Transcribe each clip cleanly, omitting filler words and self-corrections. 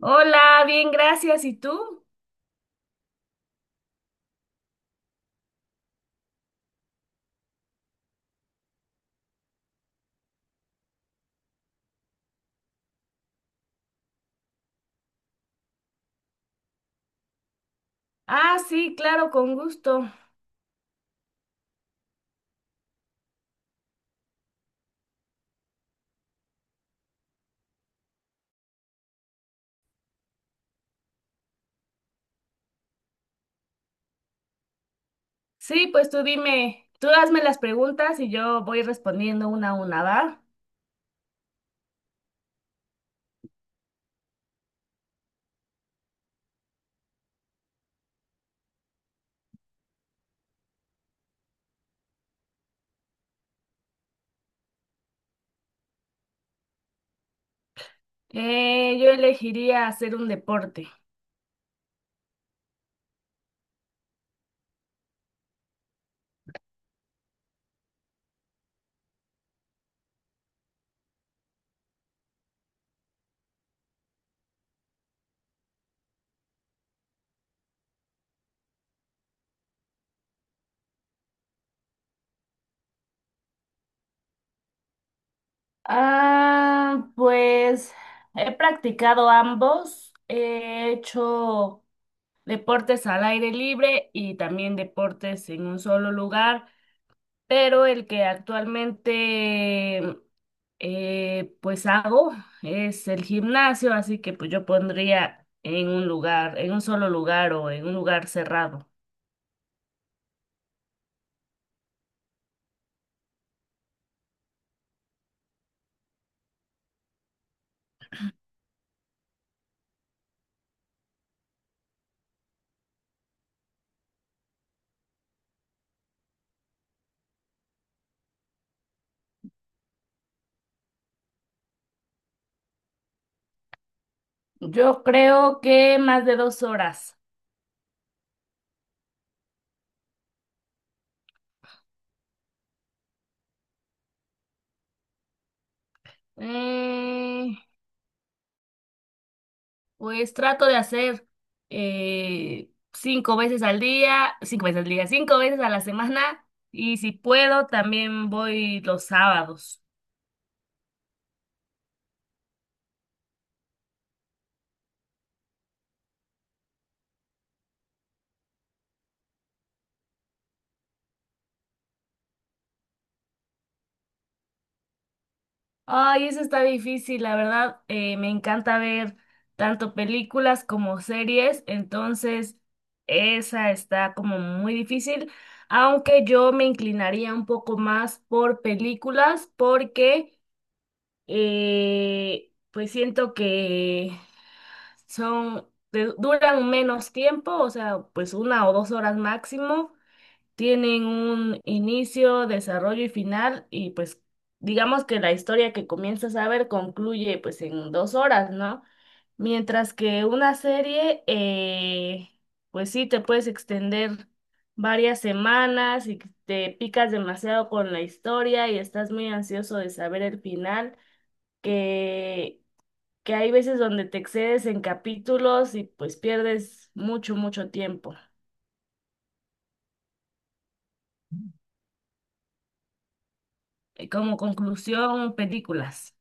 Hola, bien, gracias. ¿Y tú? Ah, sí, claro, con gusto. Sí, pues tú dime, tú hazme las preguntas y yo voy respondiendo una a una, ¿va? Yo elegiría hacer un deporte. Ah, pues he practicado ambos. He hecho deportes al aire libre y también deportes en un solo lugar. Pero el que actualmente pues hago es el gimnasio, así que pues yo pondría en un lugar, en un solo lugar o en un lugar cerrado. Yo creo que más de 2 horas. Eh, pues trato de hacer cinco veces al día, 5 veces a la semana y si puedo también voy los sábados. Ay, eso está difícil, la verdad. Me encanta ver tanto películas como series, entonces esa está como muy difícil, aunque yo me inclinaría un poco más por películas porque pues siento que te duran menos tiempo, o sea, pues 1 o 2 horas máximo tienen un inicio, desarrollo y final, y pues digamos que la historia que comienzas a ver concluye pues en 2 horas, ¿no? Mientras que una serie, pues sí, te puedes extender varias semanas y te picas demasiado con la historia y estás muy ansioso de saber el final, que, que hay veces donde te excedes en capítulos y pues pierdes mucho, mucho tiempo. Como conclusión, películas.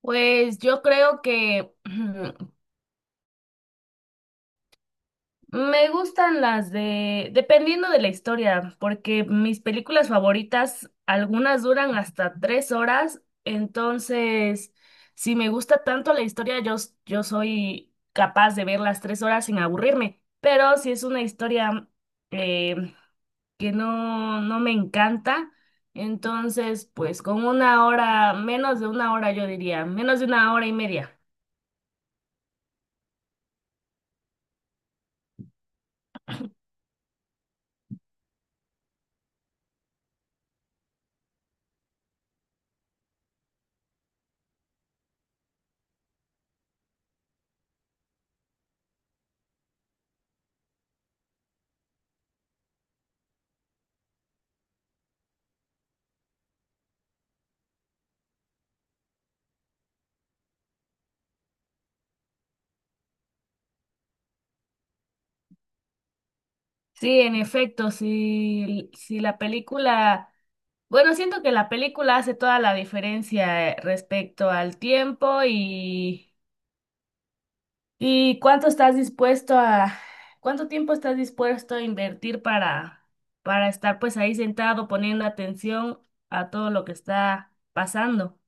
Pues yo creo que me gustan las de, dependiendo de la historia, porque mis películas favoritas, algunas duran hasta 3 horas, entonces si me gusta tanto la historia, yo soy capaz de ver las 3 horas sin aburrirme, pero si es una historia eh, que no, no me encanta, entonces pues con 1 hora, menos de 1 hora yo diría, menos de 1 hora y media. Sí, en efecto, si la película, bueno, siento que la película hace toda la diferencia respecto al tiempo y cuánto tiempo estás dispuesto a invertir para estar pues ahí sentado poniendo atención a todo lo que está pasando.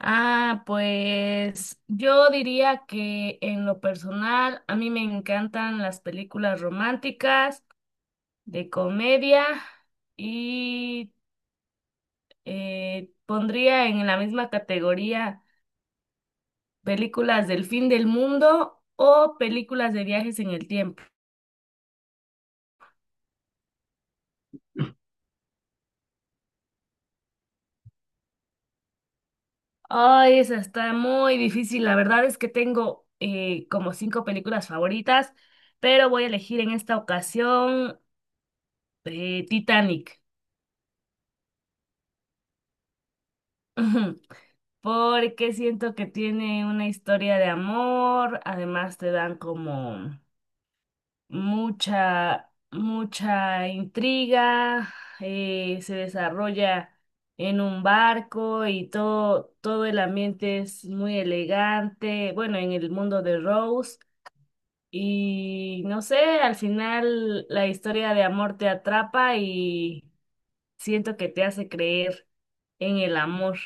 Ah, pues yo diría que en lo personal a mí me encantan las películas románticas, de comedia y pondría en la misma categoría películas del fin del mundo o películas de viajes en el tiempo. Ay, esa está muy difícil. La verdad es que tengo como cinco películas favoritas, pero voy a elegir en esta ocasión Titanic. Porque siento que tiene una historia de amor, además te dan como mucha, mucha intriga, se desarrolla en un barco y todo, todo el ambiente es muy elegante, bueno, en el mundo de Rose. Y no sé, al final la historia de amor te atrapa y siento que te hace creer en el amor.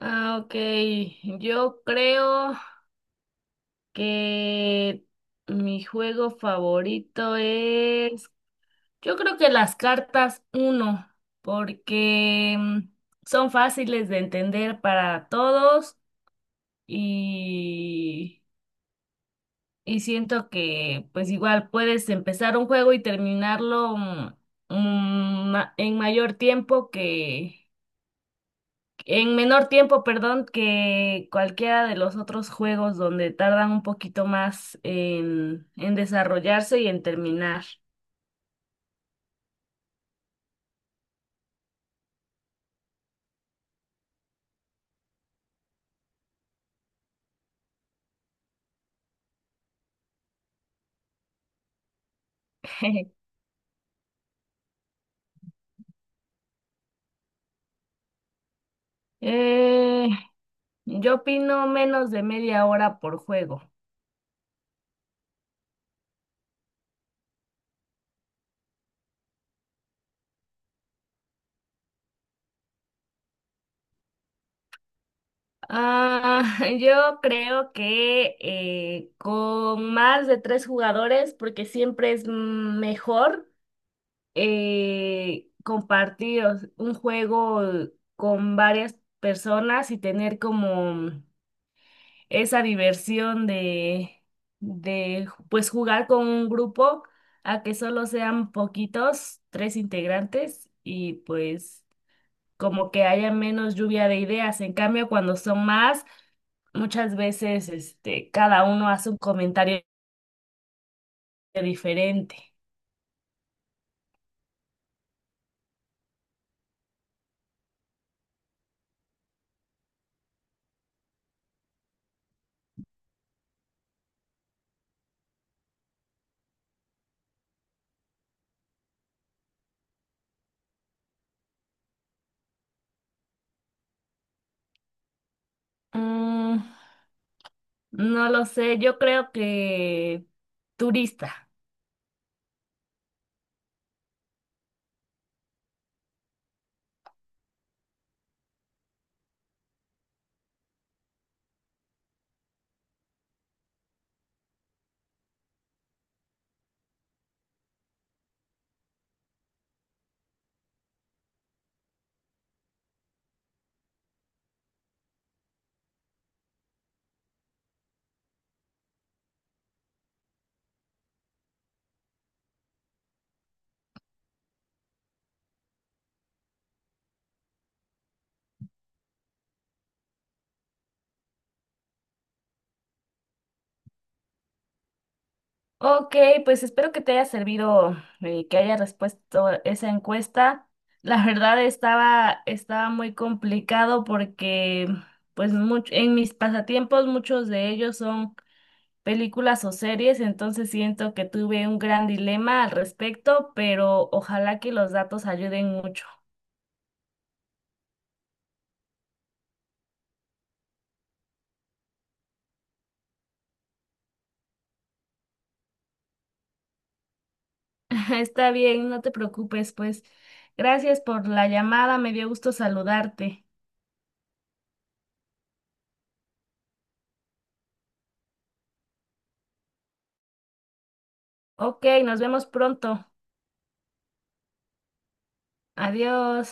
Ah, ok, yo creo que mi juego favorito es, yo creo que las cartas uno, porque son fáciles de entender para todos y, y siento que pues igual puedes empezar un juego y terminarlo en mayor tiempo que, en menor tiempo, perdón, que cualquiera de los otros juegos donde tardan un poquito más en desarrollarse y en terminar. Eh, Yo opino menos de media hora por juego. Ah, yo creo que con más de tres jugadores, porque siempre es mejor compartir un juego con varias personas y tener como esa diversión de pues jugar con un grupo a que solo sean poquitos, tres integrantes y pues como que haya menos lluvia de ideas. En cambio, cuando son más, muchas veces este, cada uno hace un comentario diferente. Mm, no lo sé, yo creo que turista. Ok, pues espero que te haya servido, que haya respuesto esa encuesta. La verdad estaba muy complicado porque pues en mis pasatiempos muchos de ellos son películas o series, entonces siento que tuve un gran dilema al respecto, pero ojalá que los datos ayuden mucho. Está bien, no te preocupes, pues. Gracias por la llamada, me dio gusto saludarte. Ok, nos vemos pronto. Adiós.